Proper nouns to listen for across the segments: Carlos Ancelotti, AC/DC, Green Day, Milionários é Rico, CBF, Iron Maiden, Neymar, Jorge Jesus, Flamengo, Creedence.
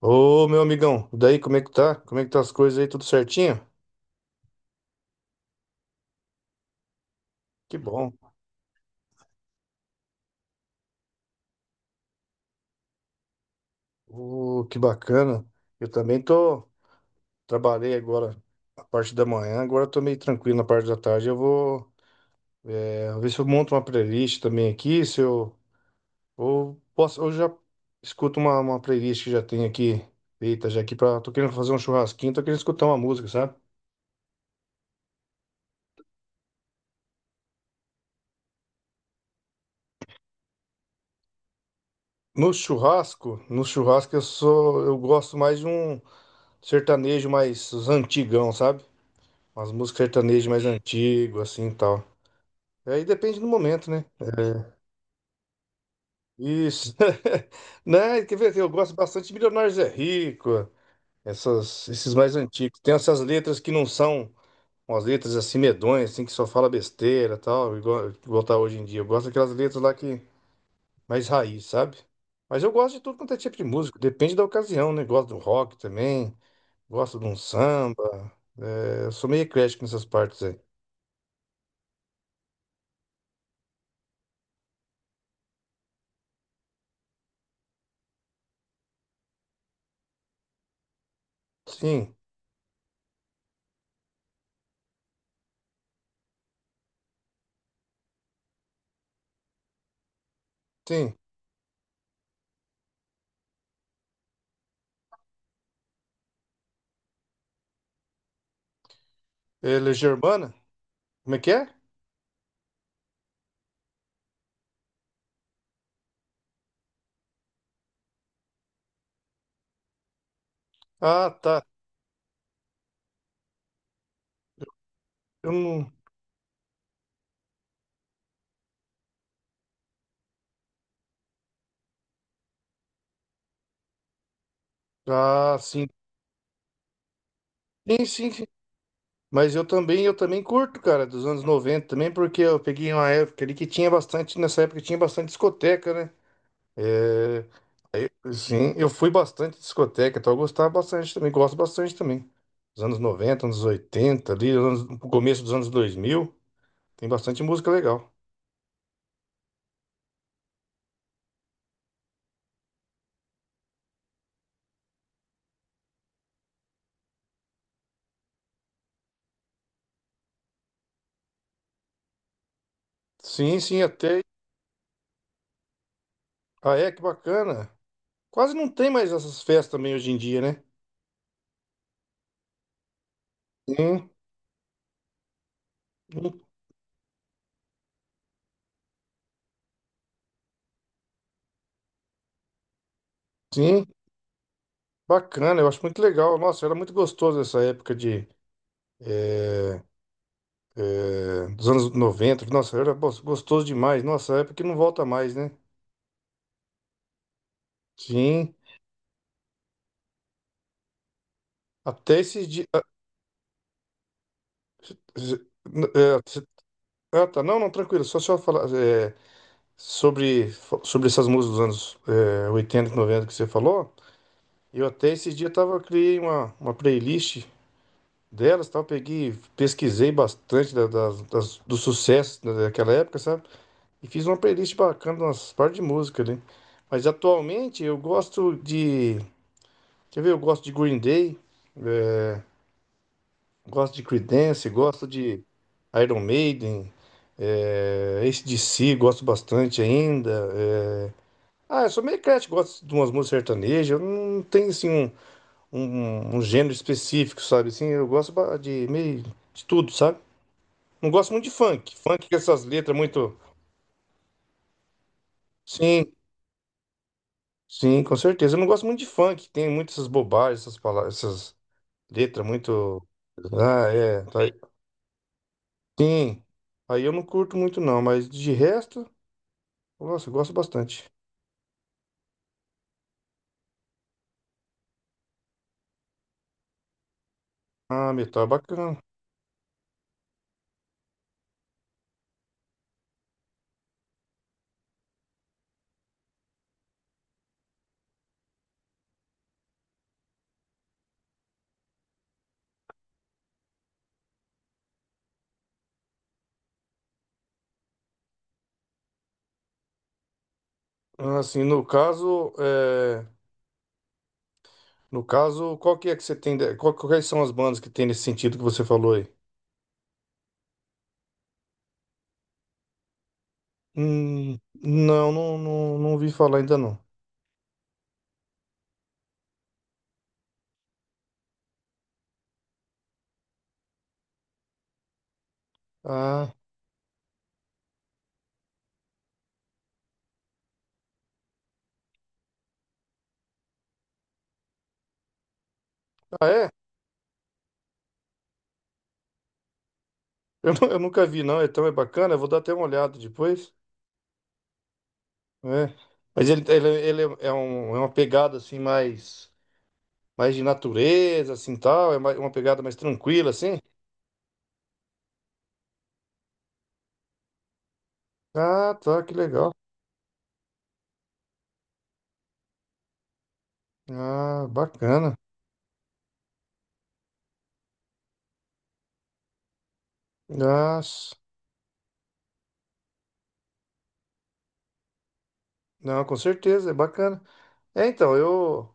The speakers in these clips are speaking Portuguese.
Ô, meu amigão, daí como é que tá? Como é que tá as coisas aí? Tudo certinho? Que bom. Ô, que bacana. Eu também tô, trabalhei agora a parte da manhã, agora tô meio tranquilo na parte da tarde. Eu vou, ver se eu monto uma playlist também aqui, se eu ou posso, eu já escuto uma playlist que já tem aqui feita já aqui para tô querendo fazer um churrasquinho, tô querendo escutar uma música, sabe? No churrasco, eu gosto mais de um sertanejo mais os antigão, sabe? Umas músicas sertanejas mais antigas, assim e tal. É, aí depende do momento, né? É, isso. Né? Quer ver? Eu gosto bastante de Milionários é Rico, esses mais antigos. Tem essas letras que não são umas letras assim medonhas, assim, que só fala besteira e tal, igual tá hoje em dia. Eu gosto daquelas letras lá que mais raiz, sabe? Mas eu gosto de tudo quanto é tipo de música, depende da ocasião, né? Gosto do rock também, gosto de um samba. É, eu sou meio eclético nessas partes aí. Sim, sim. Ela é germana? Como é que é? Ah, tá. Eu não... Ah, sim. Sim, sim, sim. Mas eu também curto, cara, dos anos 90 também, porque eu peguei uma época ali que tinha bastante, nessa época tinha bastante discoteca, né? É... Aí, sim, eu fui bastante discoteca, então eu gostava bastante também, gosto bastante também. Dos anos 90 anos 80 ali, no começo dos anos 2000 tem bastante música legal. Sim, sim, até... Ah, é, que bacana. Quase não tem mais essas festas também hoje em dia, né? Sim. Sim, bacana, eu acho muito legal. Nossa, era muito gostoso essa época eh, dos anos 90. Nossa, era gostoso demais. Nossa, época que não volta mais, né? Sim, até esses dias. Ah, tá, não, não, tranquilo. Só falar sobre, sobre essas músicas dos anos 80 e 90 que você falou. Eu até esses dias tava, criei uma playlist delas, tal, peguei, pesquisei bastante dos sucessos daquela época, sabe? E fiz uma playlist bacana, umas partes de música ali. Mas atualmente eu gosto de. Quer ver? Eu gosto de Green Day, né? Gosto de Creedence, gosto de Iron Maiden, AC/DC, gosto bastante ainda. É. Ah, eu sou meio eclético, gosto de umas músicas sertanejas. Eu não tenho assim um gênero específico, sabe? Assim, eu gosto de meio de tudo, sabe? Não gosto muito de funk. Funk com essas letras muito. Sim. Sim, com certeza. Eu não gosto muito de funk, tem muitas essas bobagens, essas palavras, essas letras muito. Ah, é. Tá aí. Sim. Aí eu não curto muito não, mas de resto, nossa, eu gosto bastante. Ah, metal é bacana. Ah, assim, no caso, qual que é que você tem, de- qual- quais são as bandas que tem nesse sentido que você falou aí? Hum, não, não, não, não vi falar ainda não. Ah, ah é? Eu nunca vi não, então é bacana, eu vou dar até uma olhada depois. É. Mas ele é uma pegada assim mais, de natureza, assim tal, é uma pegada mais tranquila, assim. Ah, tá, que legal. Ah, bacana. Nossa. Não, com certeza, é bacana. É, então, eu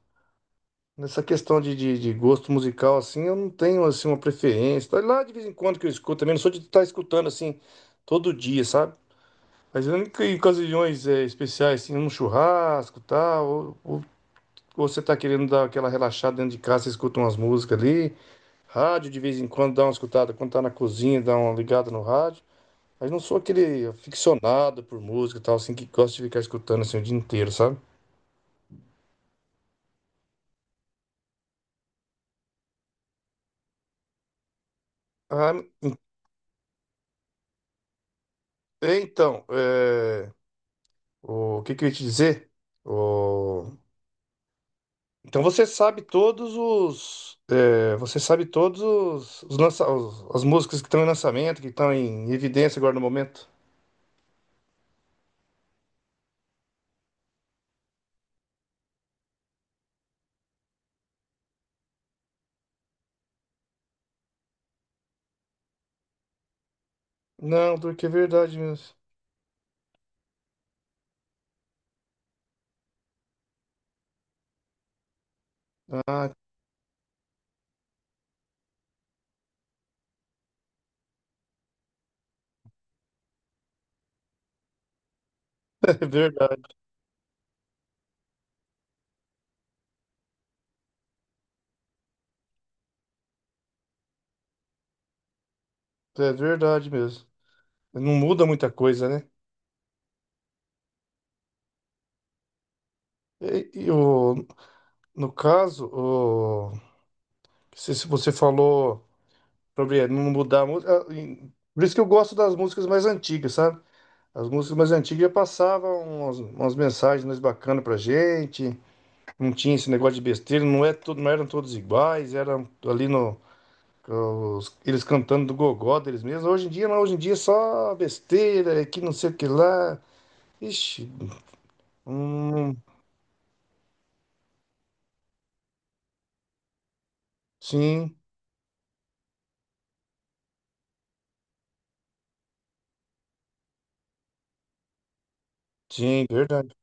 nessa questão de gosto musical, assim, eu não tenho assim uma preferência. Tá. Lá de vez em quando que eu escuto também, não sou de estar escutando assim todo dia, sabe? Mas eu, em ocasiões especiais, assim, num churrasco, tal, ou você tá querendo dar aquela relaxada dentro de casa, você escuta umas músicas ali, rádio de vez em quando dá uma escutada, quando tá na cozinha, dá uma ligada no rádio. Mas não sou aquele aficionado por música e tal, assim, que gosta de ficar escutando assim o dia inteiro, sabe? Ah, é, então, o que que eu ia te dizer? O- Então você sabe todos os, é, você sabe todos os, as músicas que estão em lançamento, que estão em evidência agora no momento? Não, porque é verdade mesmo. Ah, é verdade. É verdade mesmo. Não muda muita coisa, né? E no caso, se você falou sobre não mudar a música. Por isso que eu gosto das músicas mais antigas, sabe? As músicas mais antigas já passavam umas mensagens mais bacanas pra gente. Não tinha esse negócio de besteira, não, é tudo, não eram todos iguais, eram ali no. Eles cantando do gogó deles mesmos. Hoje em dia, não, hoje em dia é só besteira, é que não sei o que lá. Ixi, hum, sim. Sim, verdade.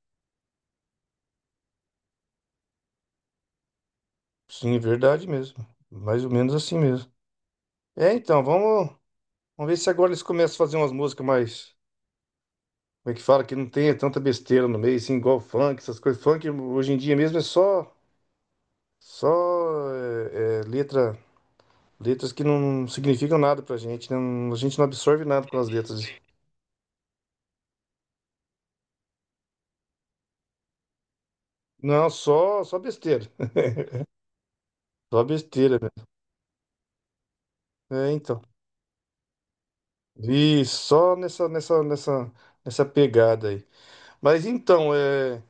Sim, verdade mesmo. Mais ou menos assim mesmo. É, então, vamos ver se agora eles começam a fazer umas músicas mais. Como é que fala? Que não tenha tanta besteira no meio, assim, igual funk, essas coisas. Funk hoje em dia mesmo é só. Só é, letra. Letras que não significam nada pra gente, né? Não. A gente não absorve nada com as letras. Não, só besteira. Só besteira mesmo. É, então. E só nessa pegada aí. Mas então, é.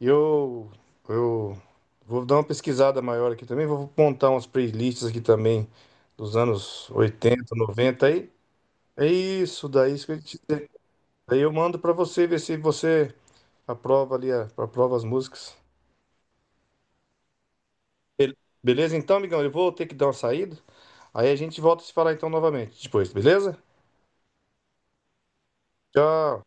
Eu, eu vou dar uma pesquisada maior aqui também, vou montar umas playlists aqui também dos anos 80, 90 aí. É isso, daí isso que eu te... Aí eu mando pra você ver se você aprova ali, aprova as músicas. Be- Beleza então, amigão? Eu vou ter que dar uma saída. Aí a gente volta a se falar então novamente depois, beleza? Tchau.